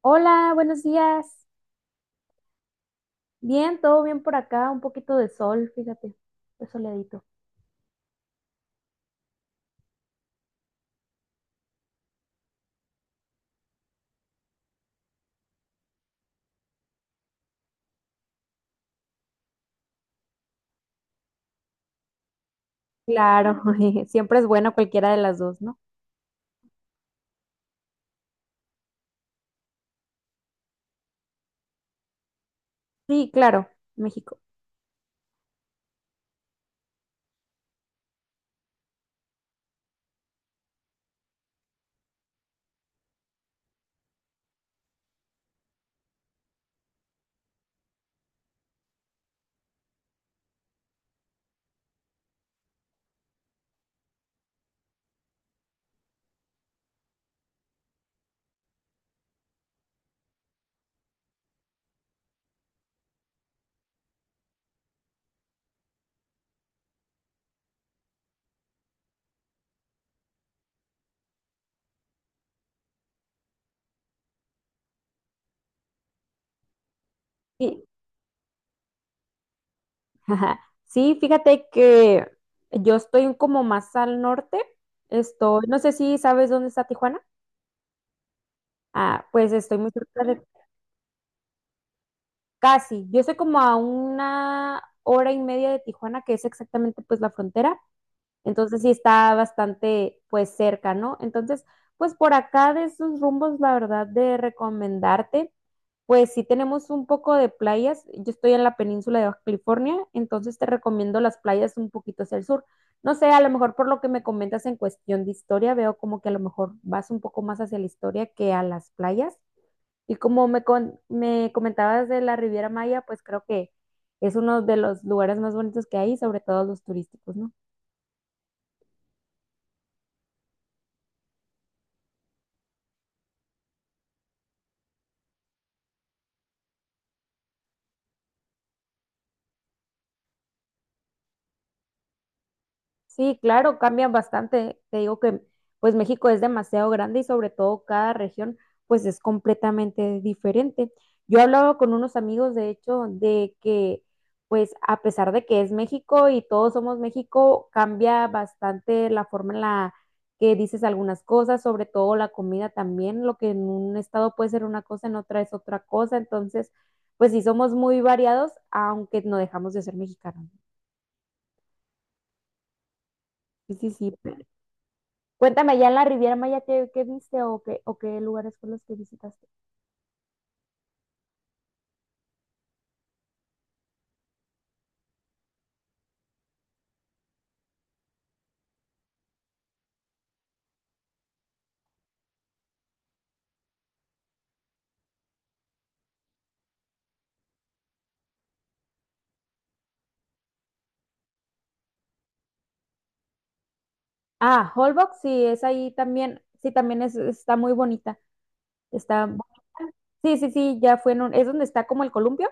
Hola, buenos días. Bien, todo bien por acá, un poquito de sol, fíjate, de soleadito. Claro, siempre es bueno cualquiera de las dos, ¿no? Sí, claro, México. Sí, ajá. Sí, fíjate que yo estoy como más al norte. Estoy, no sé si sabes dónde está Tijuana. Ah, pues estoy muy cerca de casi. Yo estoy como a una hora y media de Tijuana, que es exactamente pues la frontera. Entonces sí está bastante pues cerca, ¿no? Entonces, pues por acá de esos rumbos, la verdad, de recomendarte, pues sí tenemos un poco de playas. Yo estoy en la península de Baja California, entonces te recomiendo las playas un poquito hacia el sur. No sé, a lo mejor por lo que me comentas en cuestión de historia, veo como que a lo mejor vas un poco más hacia la historia que a las playas. Y como me comentabas de la Riviera Maya, pues creo que es uno de los lugares más bonitos que hay, sobre todo los turísticos, ¿no? Sí, claro, cambian bastante. Te digo que pues México es demasiado grande y sobre todo cada región pues es completamente diferente. Yo hablaba con unos amigos de hecho de que pues a pesar de que es México y todos somos México, cambia bastante la forma en la que dices algunas cosas, sobre todo la comida también, lo que en un estado puede ser una cosa, en otra es otra cosa. Entonces, pues sí somos muy variados, aunque no dejamos de ser mexicanos. Sí, sí, sí. Cuéntame, ya en la Riviera Maya, ¿qué viste o qué lugares fueron los que visitaste? Ah, Holbox, sí, es ahí también, sí, también está muy bonita, está bonita. Sí, sí, sí, ya fue es donde está como el columpio.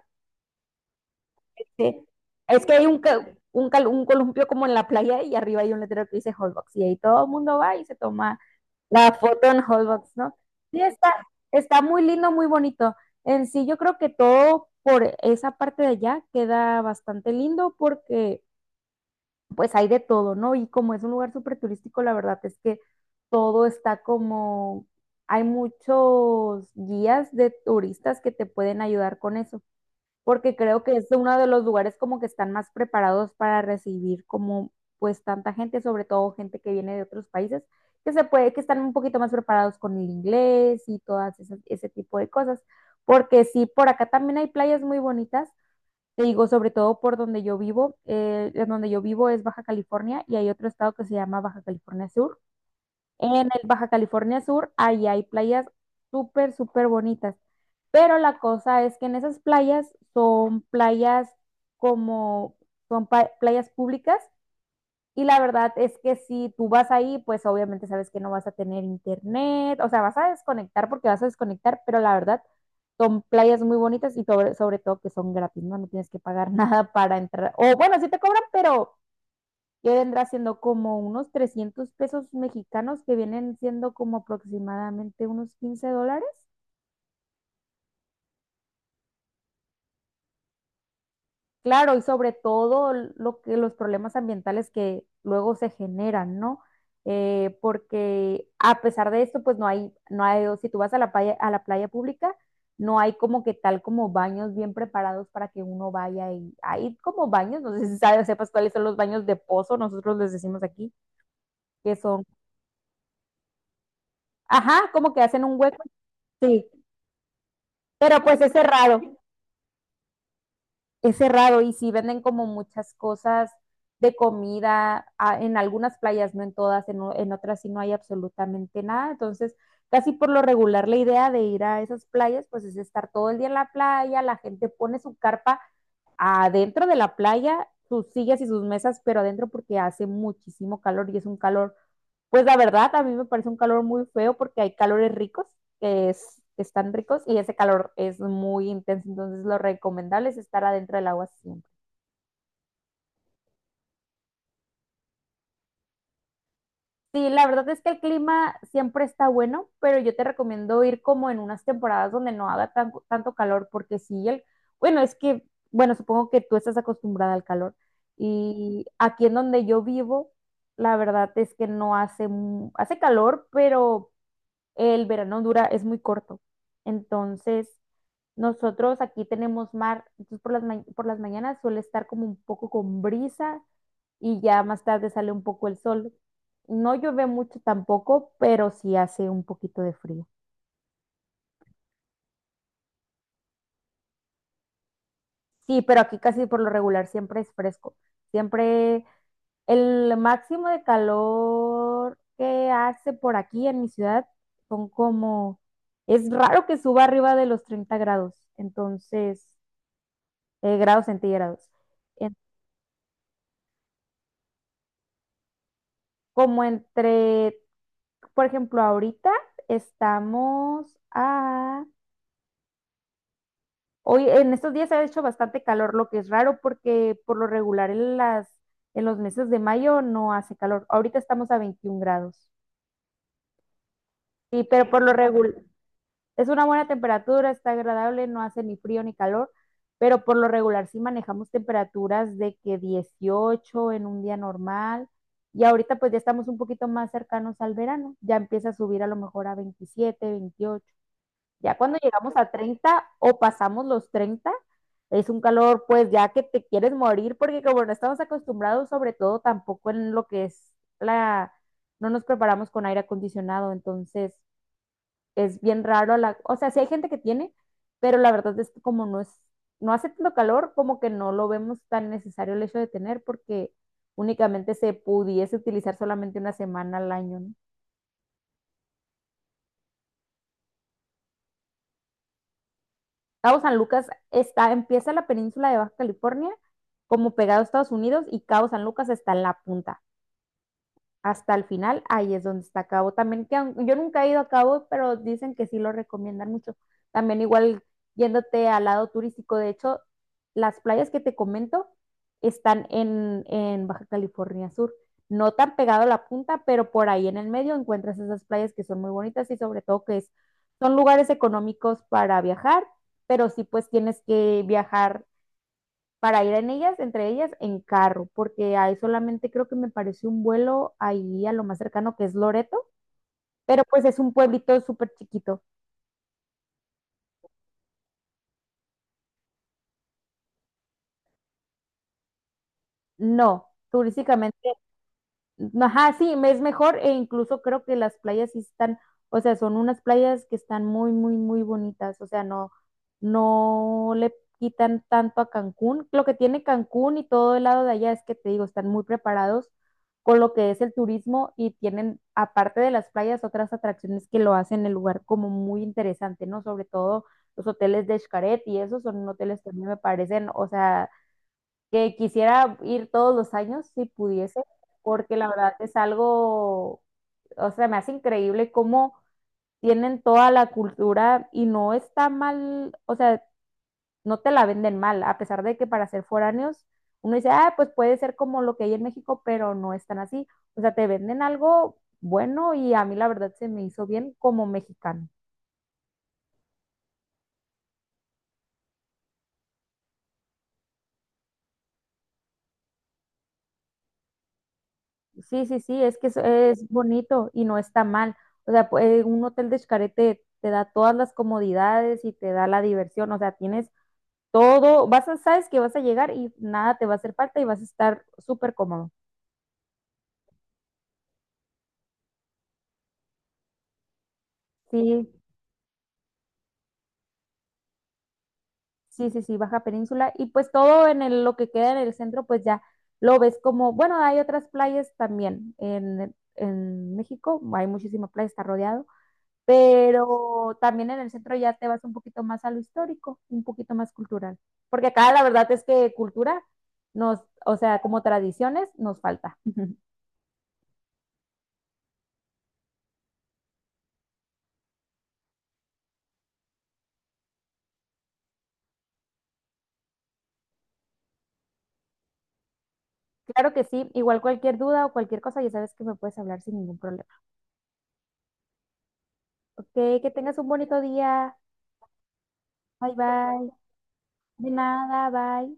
Sí. Es que hay un, ca- un, cal- un columpio como en la playa y arriba hay un letrero que dice Holbox y ahí todo el mundo va y se toma la foto en Holbox, ¿no? Sí, está muy lindo, muy bonito. En sí, yo creo que todo por esa parte de allá queda bastante lindo porque pues hay de todo, ¿no? Y como es un lugar súper turístico, la verdad es que todo está como, hay muchos guías de turistas que te pueden ayudar con eso, porque creo que es uno de los lugares como que están más preparados para recibir como pues tanta gente, sobre todo gente que viene de otros países, que se puede, que están un poquito más preparados con el inglés y ese tipo de cosas, porque sí, por acá también hay playas muy bonitas te digo, sobre todo por donde yo vivo, en donde yo vivo es Baja California y hay otro estado que se llama Baja California Sur. En el Baja California Sur, ahí hay playas súper, súper bonitas. Pero la cosa es que en esas playas son playas como, son pa- playas públicas y la verdad es que si tú vas ahí, pues obviamente sabes que no vas a tener internet, o sea, vas a desconectar porque vas a desconectar, pero la verdad son playas muy bonitas y sobre todo que son gratis, ¿no? No tienes que pagar nada para entrar. O bueno, sí te cobran, pero que vendrá siendo como unos 300 pesos mexicanos que vienen siendo como aproximadamente unos 15 dólares. Claro, y sobre todo lo que los problemas ambientales que luego se generan, ¿no? Porque a pesar de esto, pues no hay, o si tú vas a la playa pública, no hay como que tal como baños bien preparados para que uno vaya y hay como baños, no sé si sepas cuáles son los baños de pozo, nosotros les decimos aquí, que son, ajá, como que hacen un hueco, sí, pero pues es cerrado. Es cerrado y sí venden como muchas cosas de comida en algunas playas, no en todas, en otras sí no hay absolutamente nada. Entonces, casi por lo regular la idea de ir a esas playas, pues es estar todo el día en la playa, la gente pone su carpa adentro de la playa, sus sillas y sus mesas, pero adentro porque hace muchísimo calor y es un calor, pues la verdad, a mí me parece un calor muy feo porque hay calores ricos están ricos y ese calor es muy intenso, entonces lo recomendable es estar adentro del agua siempre. Sí, la verdad es que el clima siempre está bueno, pero yo te recomiendo ir como en unas temporadas donde no haga tanto calor, porque sí, bueno, es que, bueno, supongo que tú estás acostumbrada al calor. Y aquí en donde yo vivo, la verdad es que no hace, hace calor, pero el verano dura, es muy corto. Entonces, nosotros aquí tenemos mar, entonces por las mañanas suele estar como un poco con brisa y ya más tarde sale un poco el sol. No llueve mucho tampoco, pero sí hace un poquito de frío. Sí, pero aquí casi por lo regular siempre es fresco. Siempre el máximo de calor que hace por aquí en mi ciudad son como, es raro que suba arriba de los 30 grados. Entonces, grados centígrados. En- Como entre, por ejemplo, ahorita estamos a... Hoy, en estos días ha hecho bastante calor, lo que es raro porque por lo regular en los meses de mayo no hace calor. Ahorita estamos a 21 grados. Sí, pero por lo regular, es una buena temperatura, está agradable, no hace ni frío ni calor, pero por lo regular sí manejamos temperaturas de que 18 en un día normal y ahorita pues ya estamos un poquito más cercanos al verano, ya empieza a subir a lo mejor a 27 28. Ya cuando llegamos a 30 o pasamos los 30 es un calor pues ya que te quieres morir porque como no estamos acostumbrados sobre todo tampoco en lo que es la, no nos preparamos con aire acondicionado, entonces es bien raro o sea, sí hay gente que tiene, pero la verdad es que como no es, no hace tanto calor, como que no lo vemos tan necesario el hecho de tener, porque únicamente se pudiese utilizar solamente una semana al año, ¿no? Cabo San Lucas está, empieza la península de Baja California, como pegado a Estados Unidos, y Cabo San Lucas está en la punta. Hasta el final, ahí es donde está Cabo. También que yo nunca he ido a Cabo, pero dicen que sí lo recomiendan mucho. También igual yéndote al lado turístico, de hecho, las playas que te comento están en Baja California Sur. No tan pegado a la punta, pero por ahí en el medio encuentras esas playas que son muy bonitas y sobre todo que son lugares económicos para viajar, pero sí pues tienes que viajar para ir en ellas, entre ellas, en carro, porque ahí solamente creo que me pareció un vuelo ahí a lo más cercano que es Loreto, pero pues es un pueblito súper chiquito. No, turísticamente. Ajá, sí, es mejor e incluso creo que las playas sí están, o sea, son unas playas que están muy, muy, muy bonitas, o sea, no, no le quitan tanto a Cancún. Lo que tiene Cancún y todo el lado de allá es que te digo, están muy preparados con lo que es el turismo y tienen, aparte de las playas, otras atracciones que lo hacen el lugar como muy interesante, ¿no? Sobre todo los hoteles de Xcaret y esos son hoteles que a mí me parecen, o sea, que quisiera ir todos los años si pudiese, porque la verdad es algo, o sea, me hace increíble cómo tienen toda la cultura y no está mal, o sea, no te la venden mal, a pesar de que para ser foráneos uno dice, ah, pues puede ser como lo que hay en México, pero no es tan así, o sea, te venden algo bueno y a mí la verdad se me hizo bien como mexicano. Sí, sí, sí, es que es bonito y no está mal. O sea, un hotel de Xcaret te da todas las comodidades y te da la diversión. O sea, tienes todo, sabes que vas a llegar y nada te va a hacer falta y vas a estar súper cómodo. Sí, sí, sí, sí, Baja Península. Y pues todo lo que queda en el centro, pues ya lo ves como, bueno, hay otras playas también en México, hay muchísimas playas, está rodeado. Pero también en el centro ya te vas un poquito más a lo histórico, un poquito más cultural, porque acá la verdad es que cultura o sea, como tradiciones nos falta. Claro que sí, igual cualquier duda o cualquier cosa, ya sabes que me puedes hablar sin ningún problema. Ok, que tengas un bonito día. Bye bye. De nada, bye.